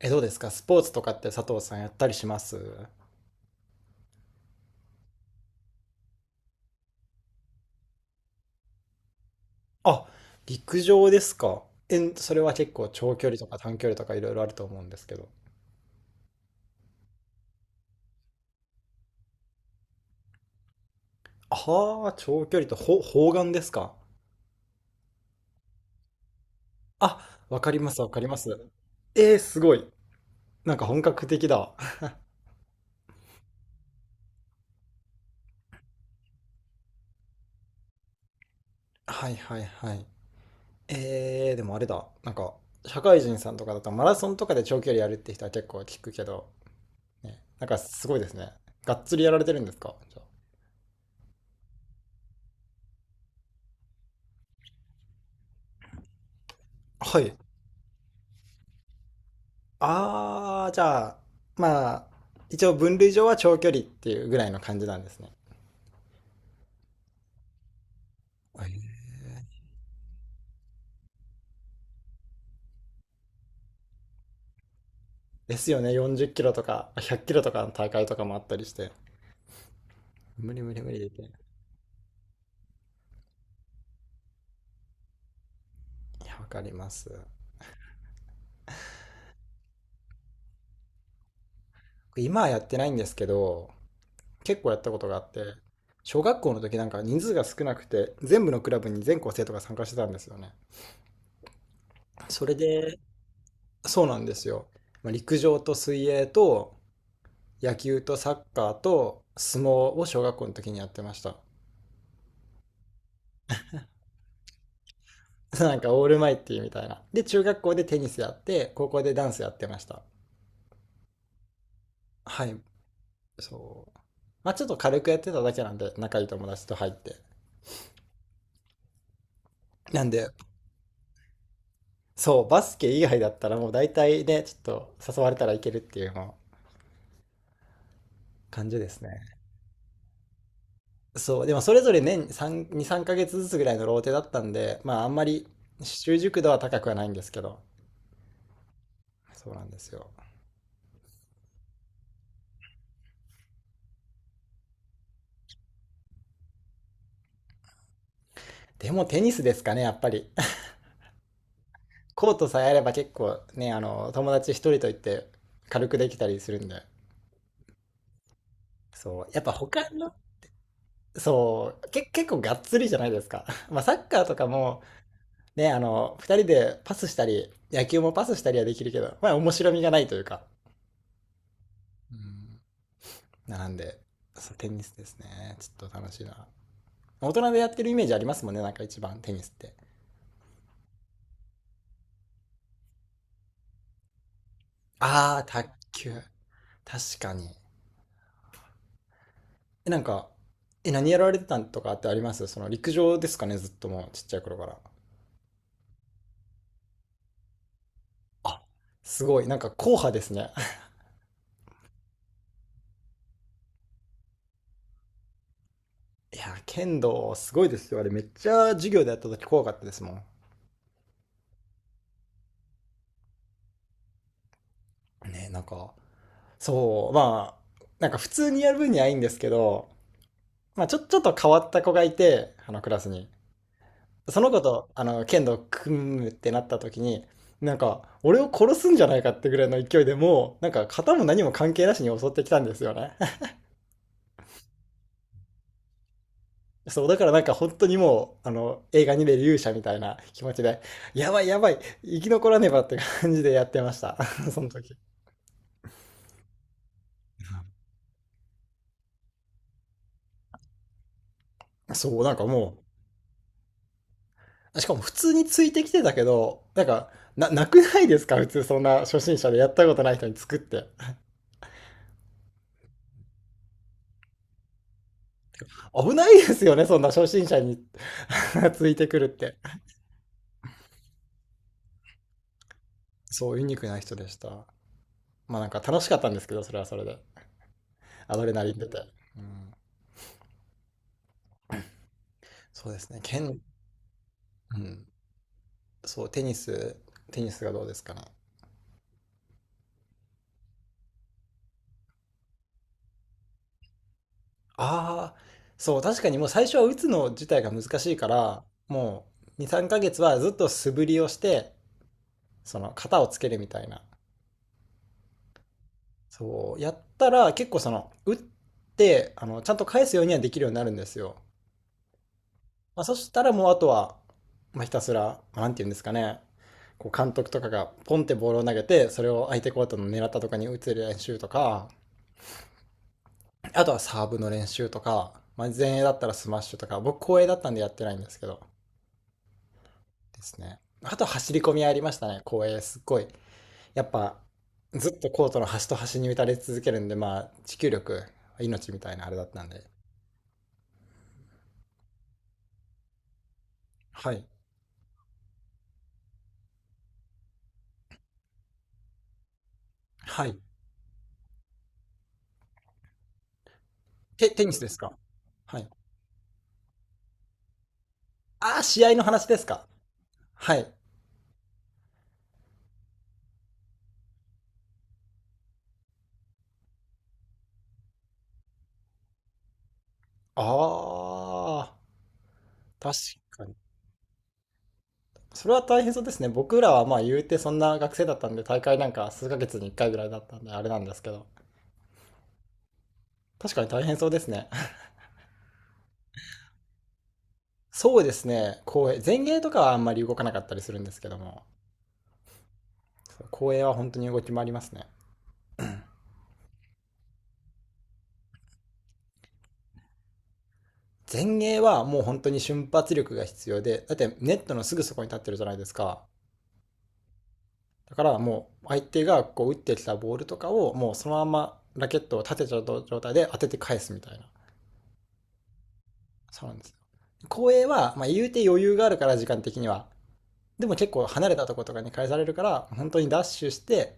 どうですかスポーツとかって佐藤さんやったりします？あ、陸上ですか。それは結構長距離とか短距離とかいろいろあると思うんですけど。ああ、長距離と砲丸ですか。あ、わかりますわかります。えー、すごい。なんか本格的だ。はいはいはい。でもあれだ。なんか、社会人さんとかだとマラソンとかで長距離やるって人は結構聞くけど、ね、なんかすごいですね。がっつりやられてるんですか、じゃあ？はい。ああ、じゃあ、まあ、一応分類上は長距離っていうぐらいの感じなんですね。はい。ですよね、40キロとか100キロとかの大会とかもあったりして。無理無理無理、できない。いや、わかります。今はやってないんですけど、結構やったことがあって、小学校の時なんか人数が少なくて、全部のクラブに全校生徒が参加してたんですよね。それで、そうなんですよ。まあ、陸上と水泳と野球とサッカーと相撲を小学校の時にやってました。なんかオールマイティみたいな。で、中学校でテニスやって、高校でダンスやってました。はい、そう。まあちょっと軽くやってただけなんで、仲いい友達と入って。なんで、そう、バスケ以外だったらもう大体ね、ちょっと誘われたらいけるっていうもう感じですね。そう、でもそれぞれ年3、2、3ヶ月ずつぐらいのローテだったんで、まああんまり習熟度は高くはないんですけど、そうなんですよ。でもテニスですかね、やっぱり。コートさえあれば結構ね、友達一人と言って軽くできたりするんで。そう。やっぱ他の、そう、結構がっつりじゃないですか。まあサッカーとかも、ね、二人でパスしたり、野球もパスしたりはできるけど、まあ面白みがないというか。うん。なんで、そう、テニスですね。ちょっと楽しいな。大人でやってるイメージありますもんね、なんか一番テニスって。ああ、卓球。確かに。なんか、何やられてたんとかってあります？その陸上ですかね、ずっともうちっちゃい頃から？あ、すごい、なんか硬派ですね。いや、剣道すごいですよ。あれめっちゃ授業でやった時怖かったですもん。ね、なんか、そう、まあ、なんか普通にやる分にはいいんですけど、まあちょっと変わった子がいて、あのクラスに。その子と、剣道組むってなった時に、なんか、俺を殺すんじゃないかってぐらいの勢いでもう、なんか、型も何も関係なしに襲ってきたんですよね。そう、だからなんか本当にもう、映画に出る勇者みたいな気持ちで、やばいやばい、生き残らねばって感じでやってました。その時。そう、なんかもう、しかも普通についてきてたけど、なんか、なくないですか普通そんな初心者でやったことない人に作って。危ないですよね、そんな初心者に ついてくるって。そう、ユニークな人でした。まあなんか楽しかったんですけど、それはそれで。アドレナリン出て。うん、そうですね、うん、そう、テニスがどうですかね。ああ、そう、確かにもう最初は打つの自体が難しいから、もう2、3ヶ月はずっと素振りをして、その型をつけるみたいな。そう、やったら結構その、打って、ちゃんと返すようにはできるようになるんですよ。まあ、そしたらもうあとは、まあ、ひたすら、なんて言うんですかね、こう監督とかがポンってボールを投げて、それを相手コートの狙ったとかに打つ練習とか、あとはサーブの練習とか、まあ、前衛だったらスマッシュとか、僕後衛だったんでやってないんですけど、ですね。あと走り込みありましたね、公園。すっごい。やっぱ、ずっとコートの端と端に打たれ続けるんで、まあ、持久力、命みたいなあれだったんで。はい。はい。テニスですか？はい。ああ、試合の話ですか？はい。ああ、確かに。それは大変そうですね。僕らはまあ言うてそんな学生だったんで、大会なんか数ヶ月に1回ぐらいだったんで、あれなんですけど。確かに大変そうですね。そうですね。公園。前衛とかはあんまり動かなかったりするんですけども。後衛は本当に動き回りますね。前衛はもう本当に瞬発力が必要で、だってネットのすぐそこに立ってるじゃないですか。だからもう相手がこう打ってきたボールとかをもうそのままラケットを立てちゃう状態で当てて返すみたいな。そうなんですよ。後衛は、まあ、言うて余裕があるから時間的には。でも結構離れたとことかに返されるから、本当にダッシュして、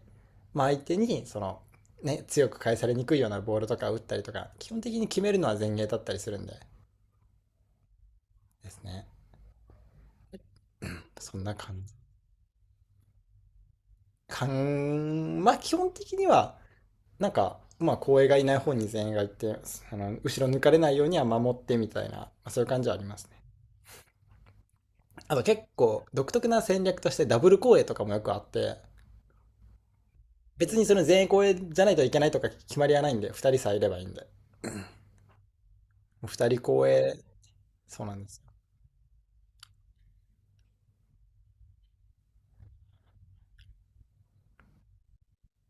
まあ、相手にその、ね、強く返されにくいようなボールとか打ったりとか、基本的に決めるのは前衛だったりするんでですね。そんな感かん、まあ基本的には、なんか、まあ後衛がいない方に全員がいて、あの後ろ抜かれないようには守ってみたいな、まあそういう感じはありますね。あと結構独特な戦略としてダブル後衛とかもよくあって、別にその全員後衛じゃないといけないとか決まりはないんで、2人さえいればいいんで。2人後衛、そうなんです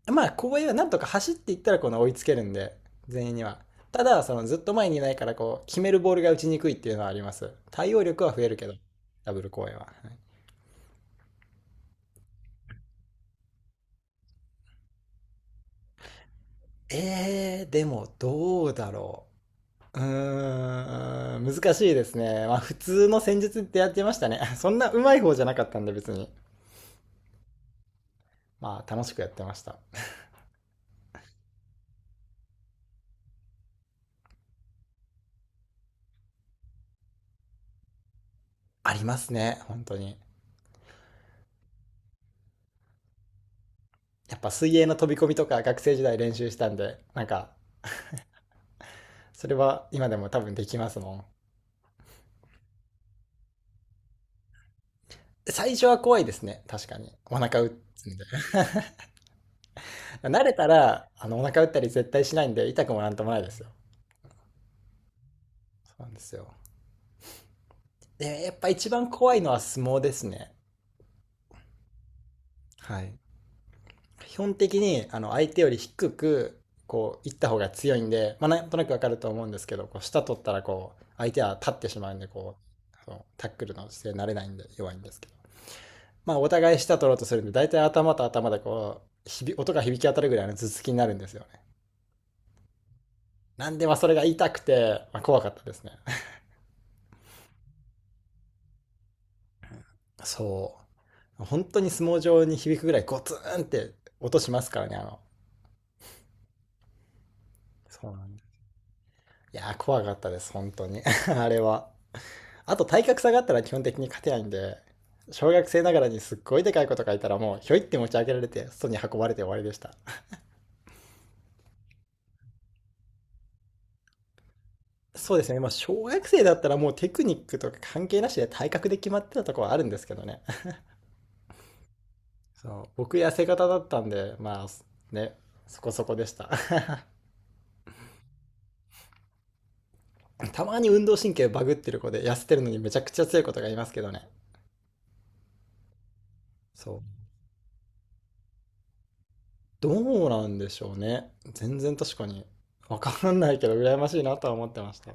よ。まあ後衛はなんとか走っていったらこの追いつけるんで、全員には。ただ、そのずっと前にいないからこう、決めるボールが打ちにくいっていうのはあります。対応力は増えるけど、ダブル後衛は。はい。でもどうだろう。うーん、難しいですね。まあ普通の戦術ってやってましたね。そんな上手い方じゃなかったんで別に。まあ楽しくやってました。ありますね、本当に。やっぱ水泳の飛び込みとか学生時代練習したんで、なんか、それは今でも多分できますもん。最初は怖いですね、確かに。お腹打つんで。慣れたら、お腹打ったり絶対しないんで、痛くもなんともないですよ。そうなんですよ。で、やっぱ一番怖いのは相撲ですね。はい。基本的にあの相手より低くこう行った方が強いんで、まあ、なんとなくわかると思うんですけどこう下取ったらこう相手は立ってしまうんでこうそのタックルの姿勢になれないんで弱いんですけど、まあ、お互い下取ろうとするんで大体頭と頭でこうひび音が響き当たるぐらいの頭突きになるんですよね。なんでまあそれが痛くて、まあ、怖かったですね。そう本当に相撲上に響くぐらいゴツンって音しますからねそうなんです。いやー、怖かったです本当に あれは。あと体格差があったら基本的に勝てないんで、小学生ながらにすっごいでかいこと書いたらもうひょいって持ち上げられて外に運ばれて終わりでした。そうですね、まあ小学生だったらもうテクニックとか関係なしで体格で決まってたとこはあるんですけどね。そう僕痩せ型だったんで、まあね、そこそこでした。たまに運動神経バグってる子で痩せてるのにめちゃくちゃ強い子とかいますけどね。そう。どうなんでしょうね。全然確かに。わかんないけど、羨ましいなとは思ってました。